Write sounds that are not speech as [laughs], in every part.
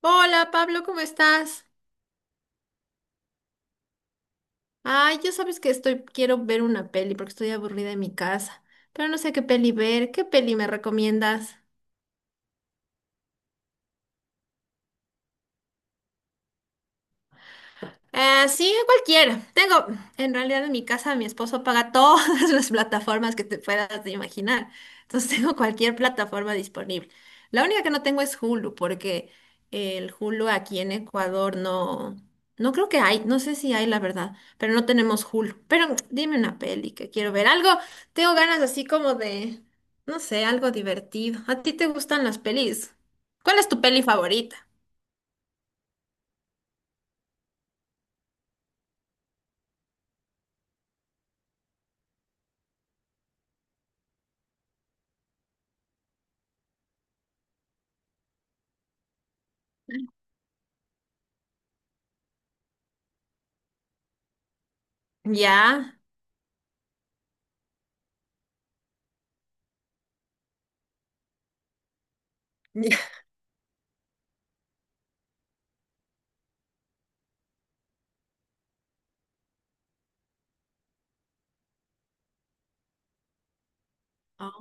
Hola Pablo, ¿cómo estás? Ay, ya sabes que estoy, quiero ver una peli porque estoy aburrida en mi casa, pero no sé qué peli ver. ¿Qué peli me recomiendas? Sí, cualquiera. Tengo, en realidad en mi casa mi esposo paga todas [laughs] las plataformas que te puedas de imaginar. Entonces [laughs] tengo cualquier plataforma disponible. La única que no tengo es Hulu, porque el Hulu aquí en Ecuador no, no creo que hay, no sé si hay la verdad, pero no tenemos Hulu. Pero [tsk] dime una peli que quiero ver. Algo, tengo ganas así como de, no sé, algo divertido. ¿A ti te gustan las pelis? ¿Cuál es tu peli favorita? Ya. [laughs] Ya.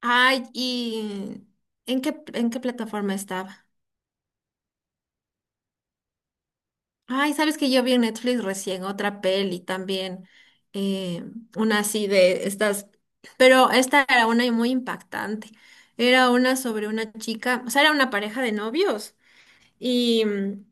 Ay, ¿y en qué plataforma estaba? Ay, sabes que yo vi en Netflix recién otra peli también, eh, una así de estas, pero esta era una muy impactante. Era una sobre una chica, o sea, era una pareja de novios y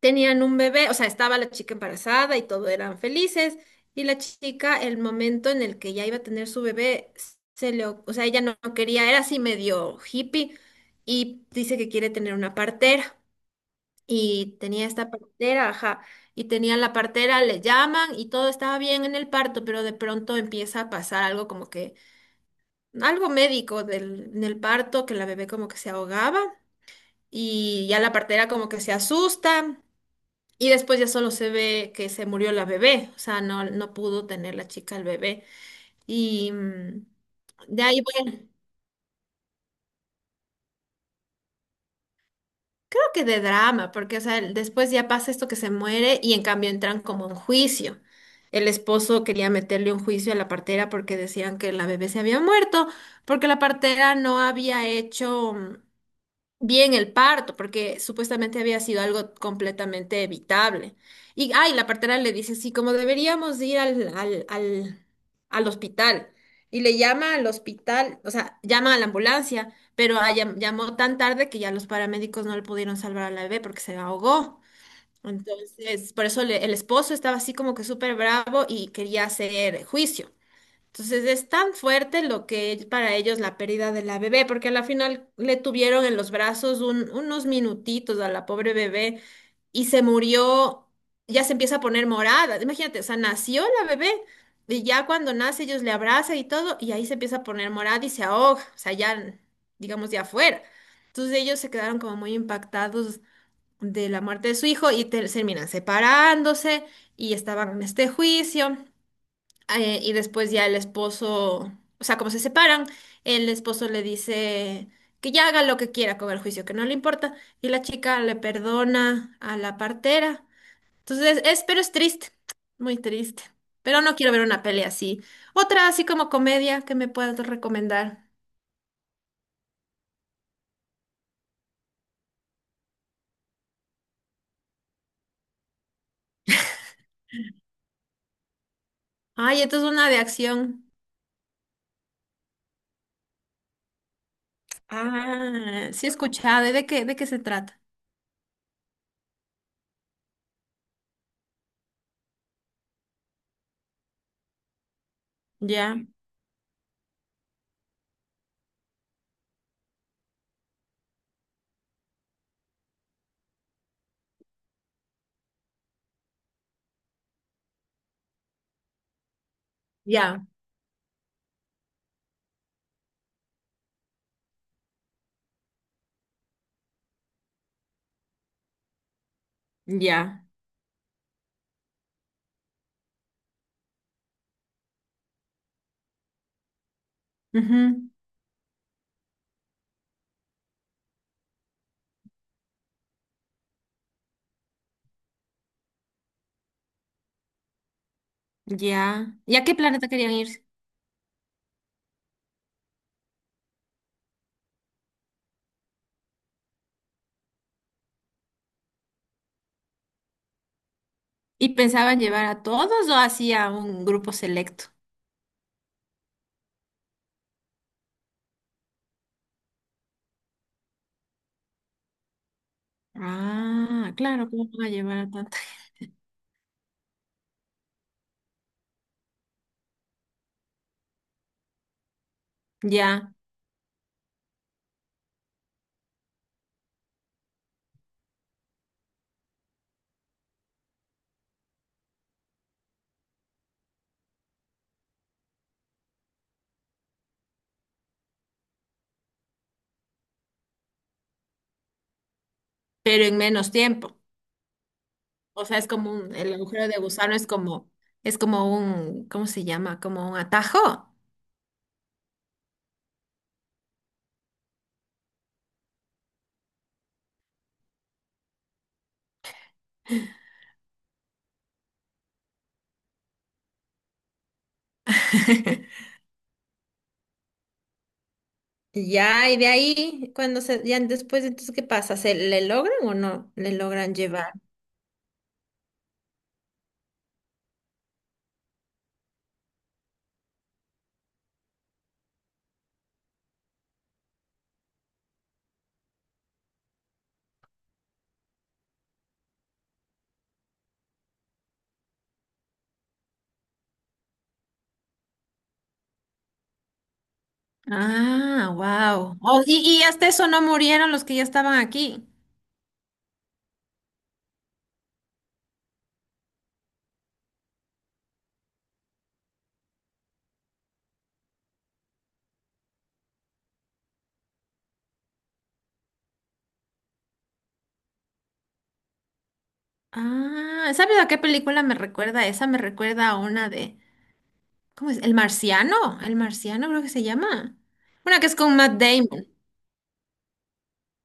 tenían un bebé, o sea, estaba la chica embarazada y todo eran felices, y la chica, el momento en el que ya iba a tener su bebé, se le, o sea, ella no, no quería, era así medio hippie, y dice que quiere tener una partera, y tenía esta partera, ajá, y tenía la partera, le llaman, y todo estaba bien en el parto, pero de pronto empieza a pasar algo como que, algo médico del, en el parto, que la bebé como que se ahogaba, y ya la partera como que se asusta, y después ya solo se ve que se murió la bebé, o sea, no, no pudo tener la chica el bebé. Y de ahí, bueno, creo que de drama, porque, o sea, después ya pasa esto que se muere y en cambio entran como un juicio. El esposo quería meterle un juicio a la partera porque decían que la bebé se había muerto, porque la partera no había hecho bien el parto, porque supuestamente había sido algo completamente evitable. Y, ay, la partera le dice, sí, como deberíamos ir al hospital. Y le llama al hospital, o sea, llama a la ambulancia, pero llamó tan tarde que ya los paramédicos no le pudieron salvar a la bebé porque se ahogó. Entonces, por eso el esposo estaba así como que súper bravo y quería hacer juicio. Entonces es tan fuerte lo que es para ellos la pérdida de la bebé, porque a la final le tuvieron en los brazos unos minutitos a la pobre bebé y se murió, ya se empieza a poner morada. Imagínate, o sea, nació la bebé y ya cuando nace ellos le abrazan y todo y ahí se empieza a poner morada y se ahoga, o sea, ya, digamos, de afuera. Entonces ellos se quedaron como muy impactados de la muerte de su hijo y terminan separándose y estaban en este juicio. Y después ya el esposo, o sea, como se separan, el esposo le dice que ya haga lo que quiera con el juicio, que no le importa, y la chica le perdona a la partera. Entonces, es, pero es triste, muy triste. Pero no quiero ver una pelea así. Otra así como comedia que me puedas recomendar. Ay, esto es una de acción. Ah, sí he escuchado. ¿De qué se trata? Ya. Ya. Ya. Ujú. Ya. ¿Y a qué planeta querían ir? ¿Y pensaban llevar a todos o hacía un grupo selecto? Ah, claro, ¿cómo van a llevar a tanta? Ya, pero en menos tiempo. O sea, es como un, el agujero de gusano es como un, ¿cómo se llama? Como un atajo. [laughs] Ya, y de ahí, cuando se, ya después, entonces, ¿qué pasa? ¿Se le logran o no le logran llevar? Ah, wow. Y hasta eso no murieron los que ya estaban aquí. Ah, ¿sabes a qué película me recuerda? Esa me recuerda a una de, ¿cómo es? El Marciano creo que se llama. Una que es con Matt Damon.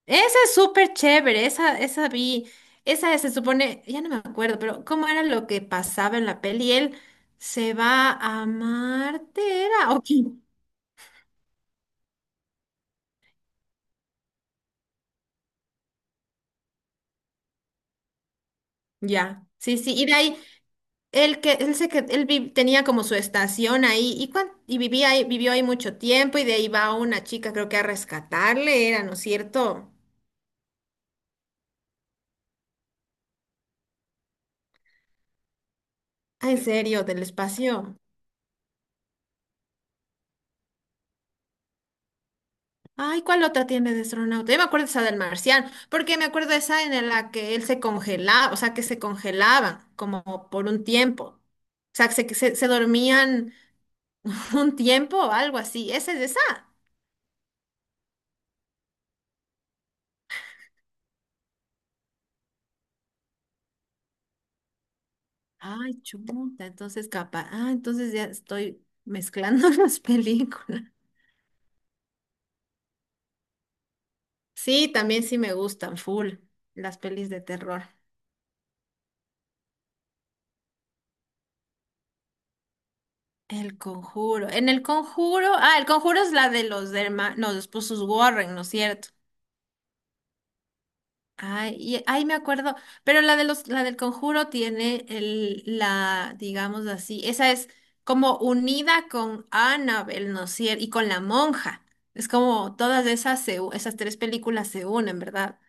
Esa es súper chévere, esa vi, esa se supone, ya no me acuerdo, pero ¿cómo era lo que pasaba en la peli? Él se va a Marte, era, [laughs] ok, ya, sí, sí, y de ahí, él que, él se que, él vi- tenía como su estación ahí, y vivía ahí, vivió ahí mucho tiempo, y de ahí va una chica, creo que a rescatarle, era, ¿no es cierto? Ah, en serio, del espacio. Ay, ¿cuál otra tiene de astronauta? Yo me acuerdo esa del marciano, porque me acuerdo esa en la que él se congelaba, o sea, que se congelaban como por un tiempo. O sea, se dormían [laughs] un tiempo o algo así. Esa es esa. Ay, chuta, entonces capaz. Ah, entonces ya estoy mezclando [laughs] las películas. Sí, también sí me gustan, full, las pelis de terror. El Conjuro. En El Conjuro, El Conjuro es la de los hermanos, los esposos Warren, ¿no es cierto? Ay, y ahí me acuerdo, pero la de los, la del Conjuro tiene el, la, digamos así, esa es como unida con Annabelle, ¿no es cier- y con la monja. Es como todas esas, esas tres películas se unen, ¿verdad?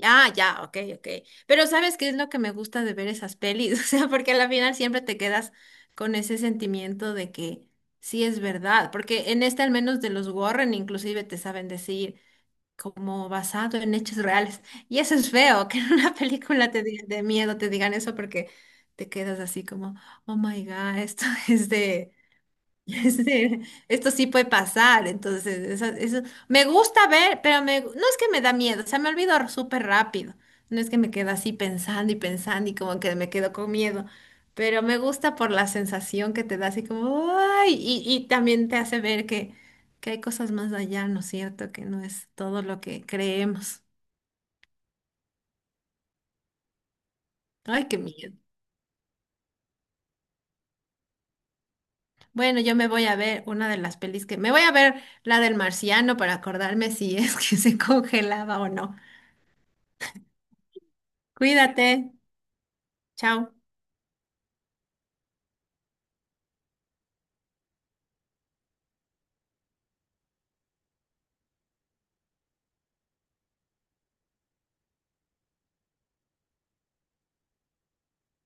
Ah, ya, ok, ok. Pero ¿sabes qué es lo que me gusta de ver esas pelis? [laughs] O sea, porque al final siempre te quedas con ese sentimiento de que sí es verdad, porque en este al menos de los Warren inclusive te saben decir, como basado en hechos reales. Y eso es feo, [laughs] que en una [laughs] película de miedo te digan eso porque te quedas así como, oh my God, esto [laughs] es de, [laughs] sí, esto sí puede pasar, entonces eso, me gusta ver, pero no es que me da miedo, o sea, me olvido súper rápido, no es que me quedo así pensando y pensando y como que me quedo con miedo, pero me gusta por la sensación que te da así como, ay, y también te hace ver que, hay cosas más allá, ¿no es cierto? Que no es todo lo que creemos. Ay, qué miedo. Bueno, yo me voy a ver una de las pelis que, me voy a ver la del marciano para acordarme si es [laughs] que se congelaba o no. Cuídate. Chao.